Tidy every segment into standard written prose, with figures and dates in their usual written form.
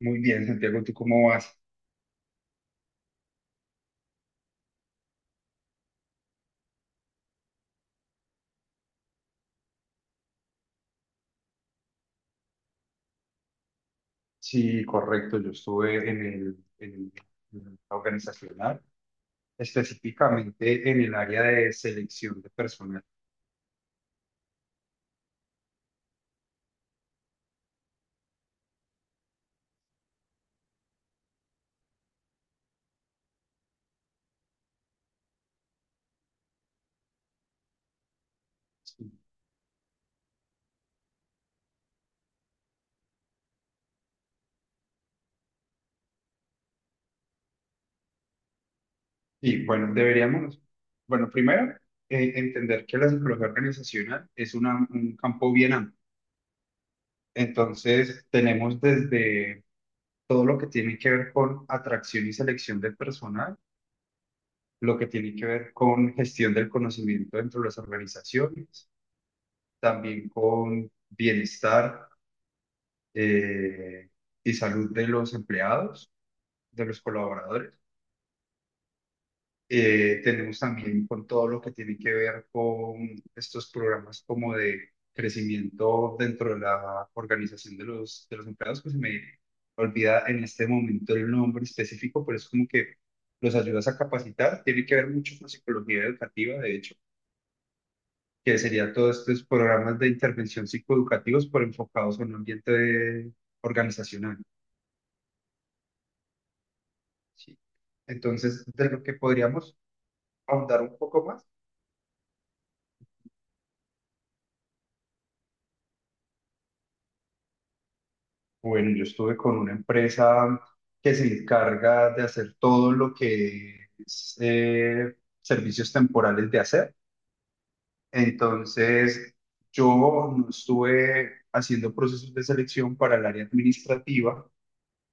Muy bien, Santiago, ¿tú cómo vas? Sí, correcto. Yo estuve en el, en el- En el organizacional, específicamente en el área de selección de personal. Y bueno, deberíamos, bueno, Primero, entender que la psicología organizacional es un campo bien amplio. Entonces, tenemos desde todo lo que tiene que ver con atracción y selección de personal, lo que tiene que ver con gestión del conocimiento dentro de las organizaciones, también con bienestar eh, y salud de los empleados, de los colaboradores. Tenemos también con todo lo que tiene que ver con estos programas como de crecimiento dentro de la organización de de los empleados, que se me olvida en este momento el nombre específico, pero es como que los ayudas a capacitar. Tiene que ver mucho con psicología educativa, de hecho, que sería todos estos programas de intervención psicoeducativos por enfocados en un ambiente organizacional, ¿sí? Entonces, de lo que podríamos ahondar un poco más, bueno, yo estuve con una empresa que se encarga de hacer todo lo que es servicios temporales de hacer. Entonces, yo no estuve haciendo procesos de selección para el área administrativa,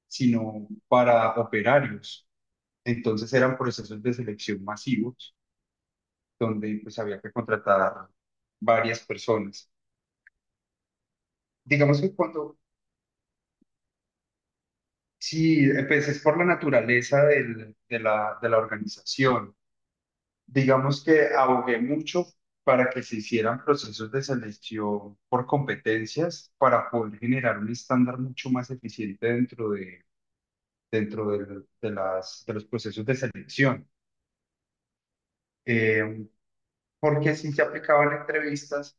sino para operarios. Entonces eran procesos de selección masivos donde pues había que contratar varias personas. Digamos que cuando, si pues, es por la naturaleza de de la organización, digamos que abogué mucho para que se hicieran procesos de selección por competencias para poder generar un estándar mucho más eficiente dentro de, las, de los procesos de selección. Eh, Porque sí se aplicaban entrevistas,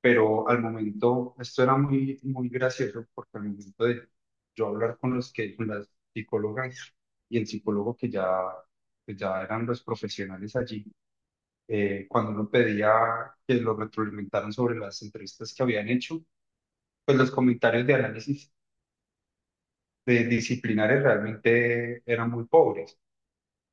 pero al momento, esto era muy, muy gracioso, porque al momento de yo hablar con con las psicólogas y el psicólogo que ya eran los profesionales allí, cuando uno pedía que lo retroalimentaran sobre las entrevistas que habían hecho, pues los comentarios de análisis de disciplinares realmente eran muy pobres.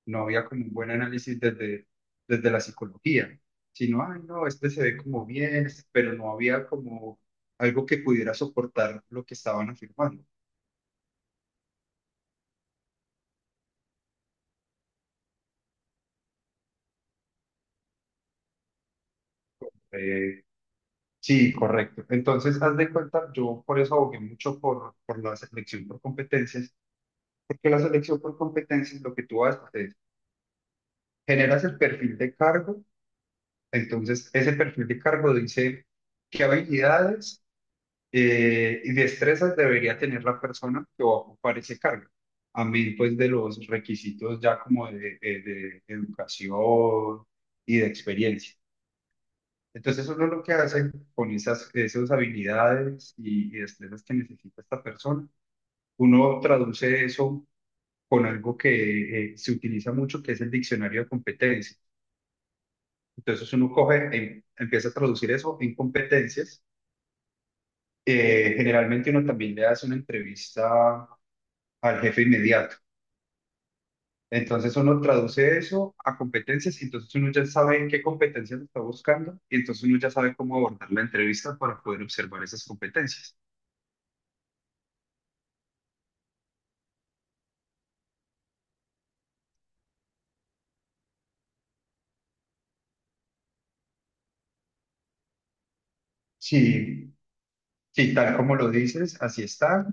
No había como un buen análisis desde, desde la psicología, sino, ay, no, este se ve como bien, este, pero no había como algo que pudiera soportar lo que estaban afirmando. Eh, sí, correcto. Entonces, haz de cuenta, yo por eso abogué mucho por la selección por competencias, porque la selección por competencias lo que tú haces es, generas el perfil de cargo, entonces ese perfil de cargo dice qué habilidades y destrezas debería tener la persona que va a ocupar ese cargo. Amén, pues de los requisitos ya como de educación y de experiencia. Entonces uno lo que hace con esas habilidades y destrezas que necesita esta persona, uno traduce eso con algo que se utiliza mucho, que es el diccionario de competencias. Entonces uno coge, empieza a traducir eso en competencias. Generalmente uno también le hace una entrevista al jefe inmediato. Entonces uno traduce eso a competencias y entonces uno ya sabe en qué competencias está buscando y entonces uno ya sabe cómo abordar la entrevista para poder observar esas competencias. Sí, sí, tal como lo dices, así está.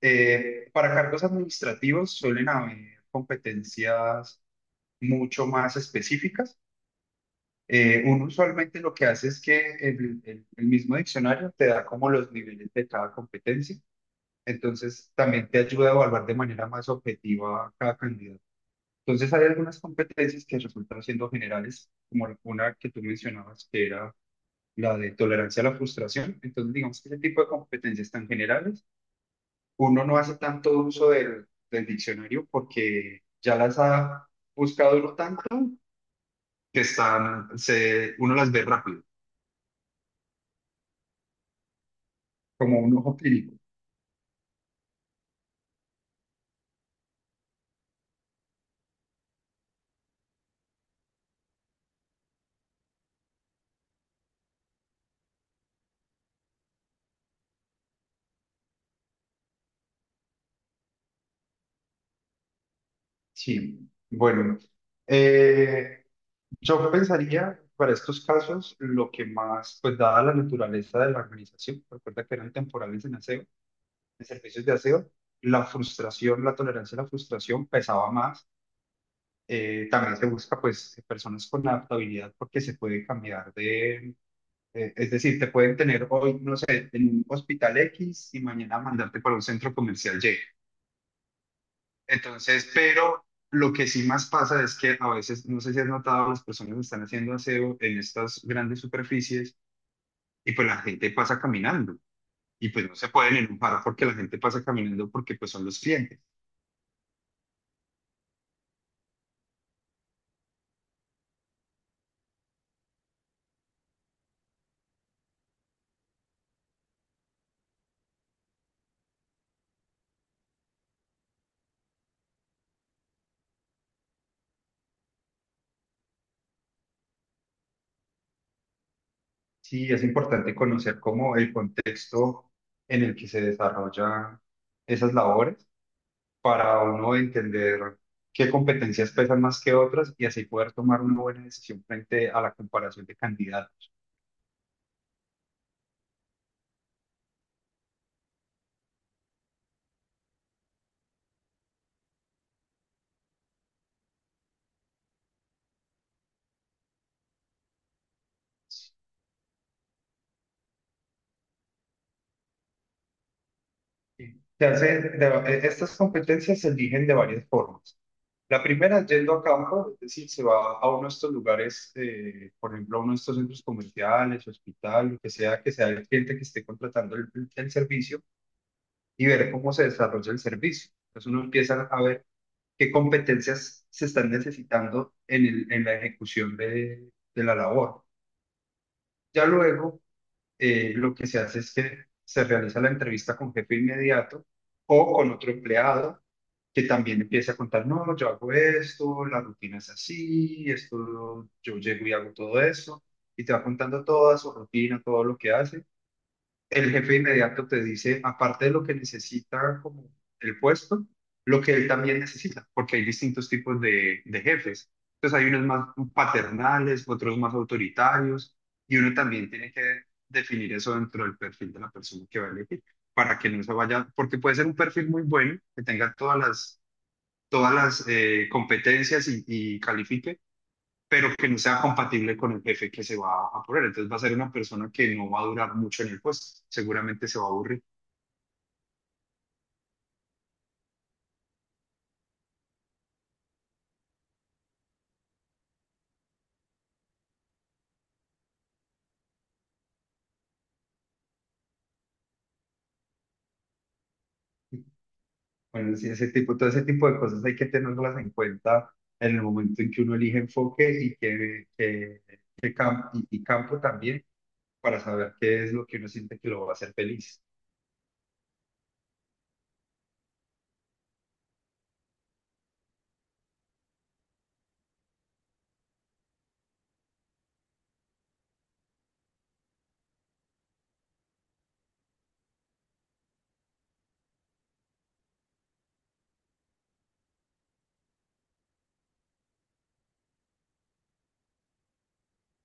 Para cargos administrativos suelen haber competencias mucho más específicas. Uno usualmente lo que hace es que el mismo diccionario te da como los niveles de cada competencia. Entonces, también te ayuda a evaluar de manera más objetiva a cada candidato. Entonces, hay algunas competencias que resultan siendo generales, como una que tú mencionabas, que era la de tolerancia a la frustración. Entonces, digamos que ese tipo de competencias tan generales, uno no hace tanto uso del diccionario porque ya las ha buscado uno tanto que están, se, uno las ve rápido, como un ojo clínico. Sí, bueno. Eh, Yo pensaría, para estos casos, lo que más, pues dada la naturaleza de la organización, recuerda que eran temporales en aseo, en servicios de aseo, la frustración, la tolerancia a la frustración pesaba más. También se busca, pues, personas con adaptabilidad porque se puede cambiar de, es decir, te pueden tener hoy, no sé, en un hospital X y mañana mandarte para un centro comercial Y. Entonces, pero lo que sí más pasa es que a veces, no sé si has notado, las personas están haciendo aseo en estas grandes superficies y pues la gente pasa caminando, y pues no se pueden enojar porque la gente pasa caminando porque pues son los clientes. Sí, es importante conocer cómo el contexto en el que se desarrollan esas labores para uno entender qué competencias pesan más que otras y así poder tomar una buena decisión frente a la comparación de candidatos. Estas competencias se eligen de varias formas. La primera es yendo a campo, es decir, se va a uno de estos lugares, por ejemplo, a uno de estos centros comerciales, hospital, lo que sea el cliente que esté contratando el servicio, y ver cómo se desarrolla el servicio. Entonces uno empieza a ver qué competencias se están necesitando en, en la ejecución de la labor. Ya luego, lo que se hace es que se realiza la entrevista con jefe inmediato o con otro empleado que también empiece a contar, no, yo hago esto, la rutina es así, esto, yo llego y hago todo esto, y te va contando toda su rutina, todo lo que hace. El jefe inmediato te dice, aparte de lo que necesita como el puesto, lo que él también necesita, porque hay distintos tipos de jefes. Entonces hay unos más paternales, otros más autoritarios, y uno también tiene que definir eso dentro del perfil de la persona que va a elegir, para que no se vaya, porque puede ser un perfil muy bueno, que tenga todas las competencias y califique, pero que no sea compatible con el jefe que se va a poner. Entonces va a ser una persona que no va a durar mucho en el puesto, seguramente se va a aburrir. Bueno, sí, ese tipo, todo ese tipo de cosas hay que tenerlas en cuenta en el momento en que uno elige enfoque y y campo también para saber qué es lo que uno siente que lo va a hacer feliz.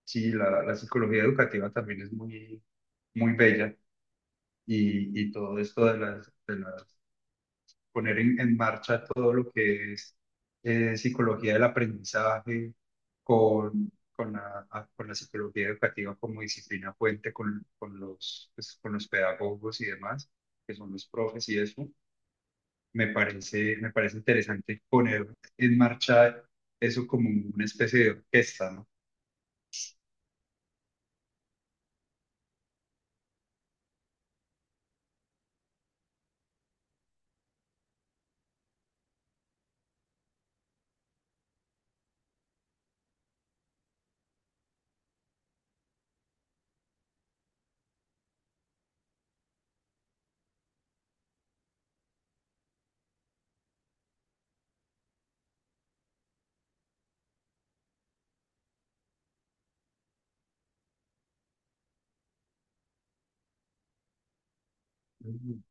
Sí, la psicología educativa también es muy, muy bella y todo esto de de las poner en marcha todo lo que es psicología del aprendizaje con la, con la psicología educativa como disciplina fuente con los, pues, con los pedagogos y demás, que son los profes y eso. Me parece interesante poner en marcha eso como una especie de orquesta, ¿no? Mm.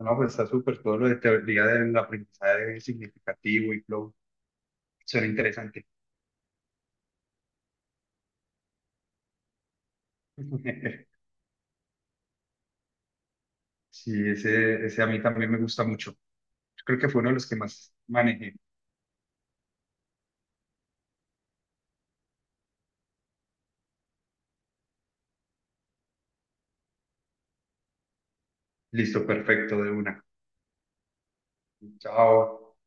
No, pues está súper todo lo de teoría del aprendizaje significativo y flow. Suena interesante. Sí, ese a mí también me gusta mucho. Creo que fue uno de los que más manejé. Listo, perfecto, de una. Chao.